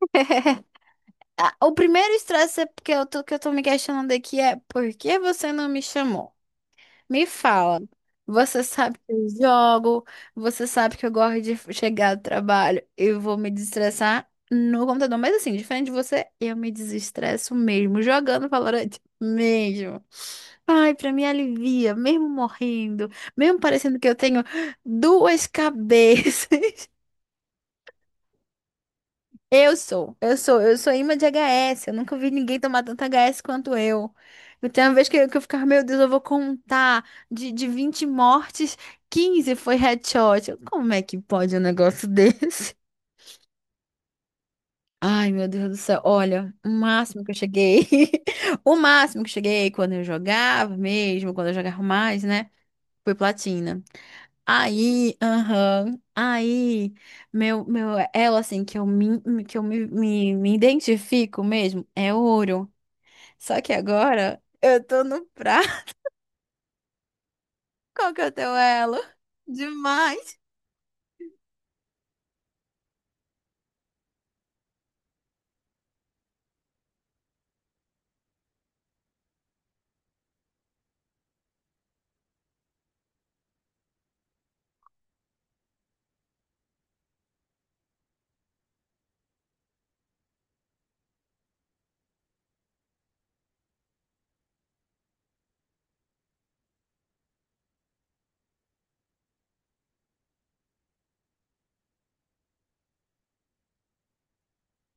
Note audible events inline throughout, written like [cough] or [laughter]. [laughs] Ah, o primeiro estresse é porque eu tô me questionando aqui é por que você não me chamou? Me fala. Você sabe que eu jogo, você sabe que eu gosto de chegar do trabalho, eu vou me desestressar no computador. Mas assim, diferente de você, eu me desestresso mesmo, jogando Valorant mesmo. Ai, pra mim alivia, mesmo morrendo, mesmo parecendo que eu tenho duas cabeças. Eu sou imã de HS. Eu nunca vi ninguém tomar tanto HS quanto eu. Eu tenho uma vez que eu ficava, meu Deus, eu vou contar. De 20 mortes, 15 foi headshot. Como é que pode um negócio [laughs] desse? Ai, meu Deus do céu. Olha, o máximo que eu cheguei. [laughs] O máximo que eu cheguei quando eu jogava mesmo, quando eu jogava mais, né? Foi platina. Aí, aham, aí, meu, ela assim, que eu me, me, me identifico mesmo, é ouro. Só que agora eu tô no prato. [laughs] Qual que é o teu elo? Demais.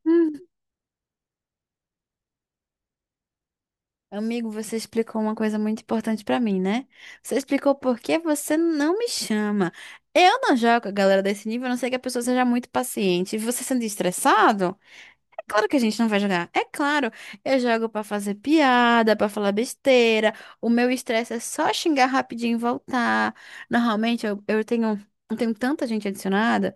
Hum. Amigo, você explicou uma coisa muito importante pra mim, né? Você explicou por que você não me chama. Eu não jogo com a galera desse nível, a não ser que a pessoa seja muito paciente. E você sendo estressado? Claro que a gente não vai jogar. É claro, eu jogo pra fazer piada, pra falar besteira. O meu estresse é só xingar rapidinho e voltar. Normalmente eu tenho tanta gente adicionada,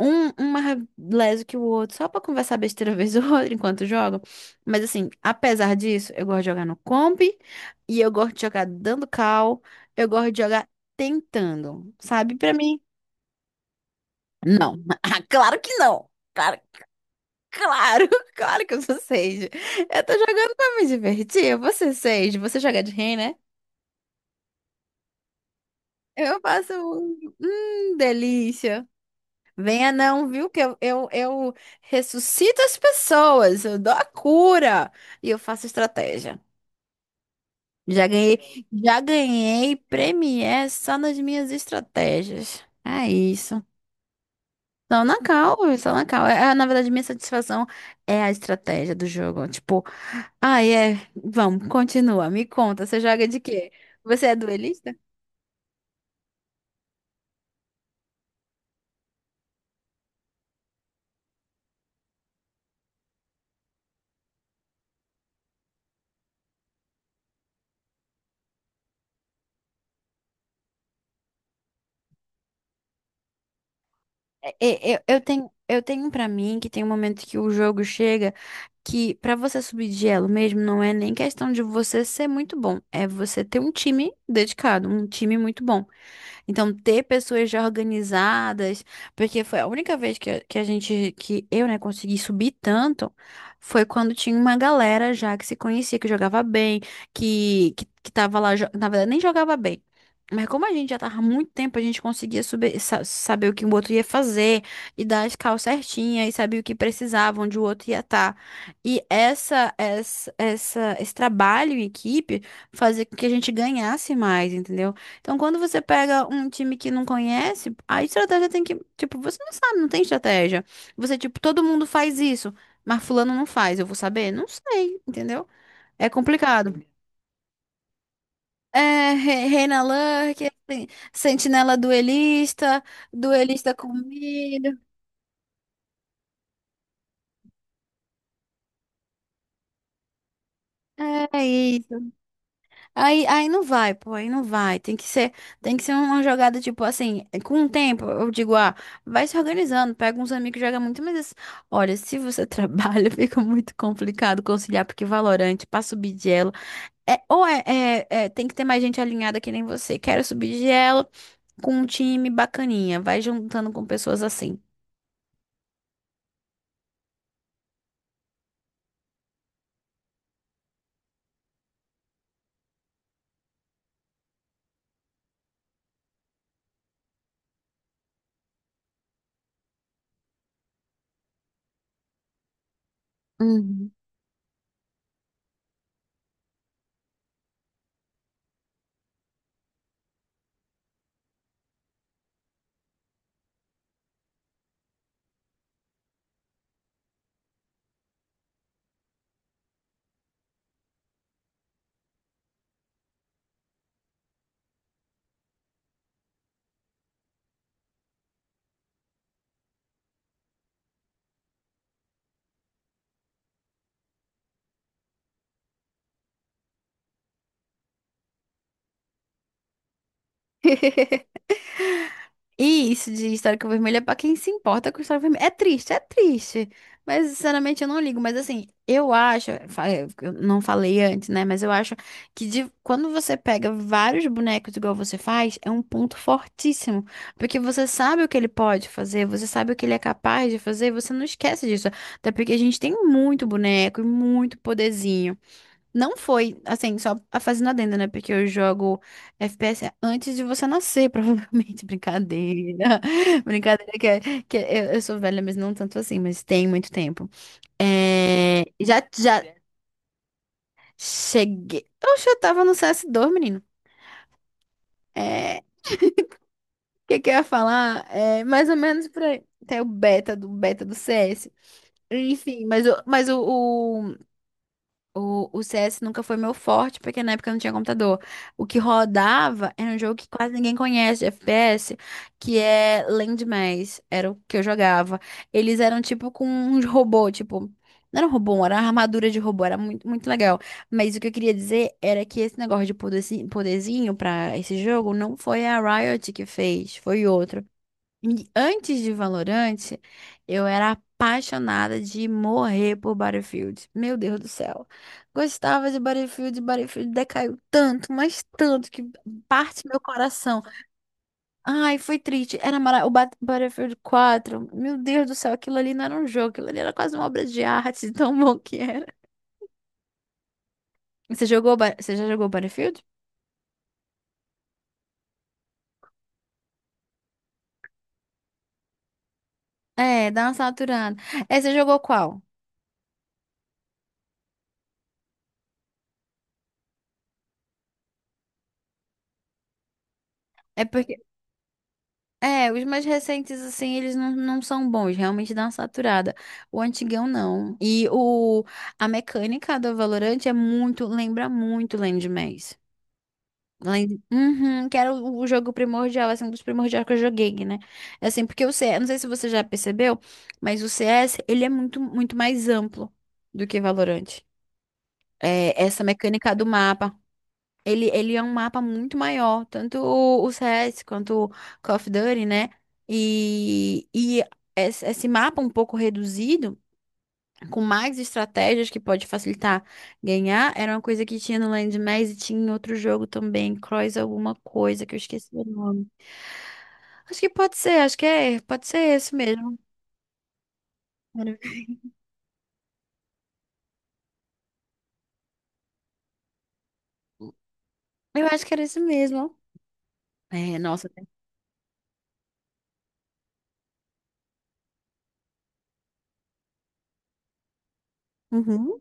um mais leso que o outro, só pra conversar besteira [laughs] vez ou outra enquanto jogo. Mas assim, apesar disso, eu gosto de jogar no comp e eu gosto de jogar dando cal, eu gosto de jogar tentando, sabe? Pra mim, não. [laughs] Claro que não. Claro, [laughs] claro que eu sou Sage. Eu tô jogando pra me divertir. Você, Sage, você joga de rei, né? Eu faço um... delícia. Venha não, viu? Que eu ressuscito as pessoas, eu dou a cura e eu faço estratégia. Já ganhei premier só nas minhas estratégias. É isso. Só na cal, só na cal. É, na verdade, minha satisfação é a estratégia do jogo. Tipo, ah, é. Vamos, continua, me conta. Você joga de quê? Você é duelista? Eu tenho pra mim que tem um momento que o jogo chega que pra você subir de elo mesmo não é nem questão de você ser muito bom, é você ter um time dedicado, um time muito bom. Então, ter pessoas já organizadas, porque foi a única vez que eu, né, consegui subir tanto, foi quando tinha uma galera já que se conhecia, que jogava bem, que tava lá, na verdade, nem jogava bem. Mas como a gente já tava há muito tempo, a gente conseguia subir, saber o que o outro ia fazer, e dar as calças certinhas e saber o que precisava, onde o outro ia estar. E esse trabalho em equipe fazia com que a gente ganhasse mais, entendeu? Então, quando você pega um time que não conhece, a estratégia tem que, tipo, você não sabe, não tem estratégia. Você, tipo, todo mundo faz isso, mas fulano não faz, eu vou saber? Não sei, entendeu? É complicado. É, Reina Lurker, sentinela duelista, duelista com milho. É isso. Aí não vai, pô, aí não vai. Tem que ser uma jogada tipo assim, com o tempo, eu digo, ah, vai se organizando, pega uns amigos, joga muito, mas assim, olha, se você [laughs] trabalha, fica muito complicado conciliar, porque Valorante, pra subir de elo, é, ou é, é- é, tem que ter mais gente alinhada que nem você. Quero subir de elo com um time bacaninha, vai juntando com pessoas assim. Uhum. [laughs] E isso de histórico vermelho é pra quem se importa com história vermelha. É triste, é triste. Mas, sinceramente, eu não ligo. Mas, assim, eu acho. Eu não falei antes, né? Mas eu acho que quando você pega vários bonecos igual você faz, é um ponto fortíssimo. Porque você sabe o que ele pode fazer, você sabe o que ele é capaz de fazer, você não esquece disso. Até porque a gente tem muito boneco e muito poderzinho. Não foi, assim, só a fazendo adendo, né? Porque eu jogo FPS antes de você nascer, [laughs] provavelmente. Brincadeira. [laughs] Brincadeira, eu sou velha, mas não tanto assim, mas tem muito tempo. Já cheguei. Oxe, eu tava no CS2, menino. É, o que que eu ia falar? É mais ou menos por aí. Tem o beta do CS. Enfim, mas o CS nunca foi meu forte, porque na época eu não tinha computador. O que rodava era um jogo que quase ninguém conhece, de FPS, que é Landmass. Era o que eu jogava. Eles eram tipo com uns robô, tipo. Não era um robô, era uma armadura de robô, era muito, muito legal. Mas o que eu queria dizer era que esse negócio de poderzinho pra esse jogo não foi a Riot que fez, foi outro. E antes de Valorant, eu era apaixonada de morrer por Battlefield. Meu Deus do céu. Gostava de Battlefield, Battlefield decaiu tanto, mas tanto que parte meu coração. Ai, foi triste. Era mara... o Battlefield 4. Meu Deus do céu, aquilo ali não era um jogo, aquilo ali era quase uma obra de arte, [laughs] de tão bom que era. Você jogou, você já jogou Battlefield? É, dá uma saturada. É, você jogou qual? É porque É, os mais recentes, assim, eles não são bons, realmente dá uma saturada. O antigão não. A mecânica do Valorant é muito, lembra muito Land Maze. Land, uhum, que era o jogo primordial, assim, um dos primordiais que eu joguei, né? É Assim, porque o CS, não sei se você já percebeu, mas o CS, ele é muito, muito mais amplo do que Valorant. É, essa mecânica do mapa, ele é um mapa muito maior, tanto o CS quanto o Call of Duty, né? E esse mapa um pouco reduzido, com mais estratégias que pode facilitar ganhar, era uma coisa que tinha no Land Mass e tinha em outro jogo também, Cross alguma coisa, que eu esqueci o nome. Acho que pode ser, acho que é, pode ser esse mesmo. Eu acho que era esse mesmo. É, nossa. Né? Uhum.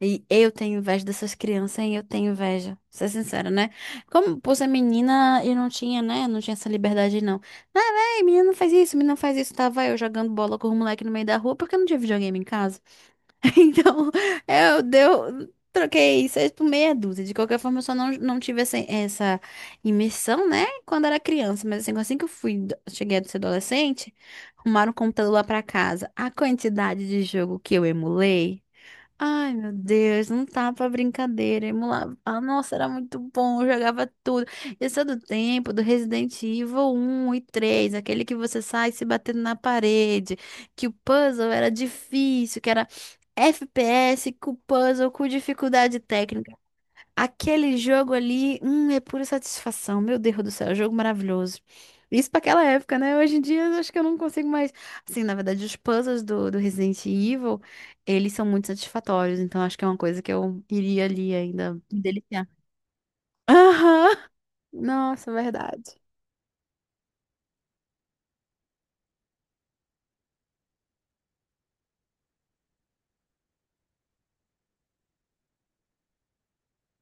E eu tenho inveja dessas crianças, hein? Eu tenho inveja. Ser sincera, né? Como por ser menina, eu não tinha, né? Não tinha essa liberdade, não. Ah, véi, menina não faz isso, menina não faz isso. Tava eu jogando bola com o moleque no meio da rua porque eu não tinha videogame em casa. [laughs] Então, eu deu. Troquei seis por meia dúzia. De qualquer forma, eu só não tive essa imersão, né? Quando era criança. Mas assim, assim que eu fui, cheguei a ser adolescente, arrumaram um computador lá pra casa. A quantidade de jogo que eu emulei. Ai, meu Deus, não tá pra brincadeira. Emulava. Ah, nossa, era muito bom, eu jogava tudo. Esse é do tempo do Resident Evil um e 3 aquele que você sai se batendo na parede, que o puzzle era difícil, que era FPS com puzzle com dificuldade técnica. Aquele jogo ali, é pura satisfação. Meu Deus do céu, jogo maravilhoso. Isso pra aquela época, né? Hoje em dia, eu acho que eu não consigo mais. Assim, na verdade, os puzzles do Resident Evil, eles são muito satisfatórios. Então, acho que é uma coisa que eu iria ali ainda me deliciar. Aham! Nossa, verdade.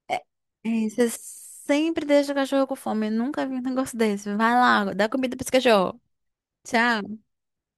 É, você sempre deixa o cachorro com fome. Eu nunca vi um negócio desse. Vai lá, dá comida pra esse cachorro. Tchau.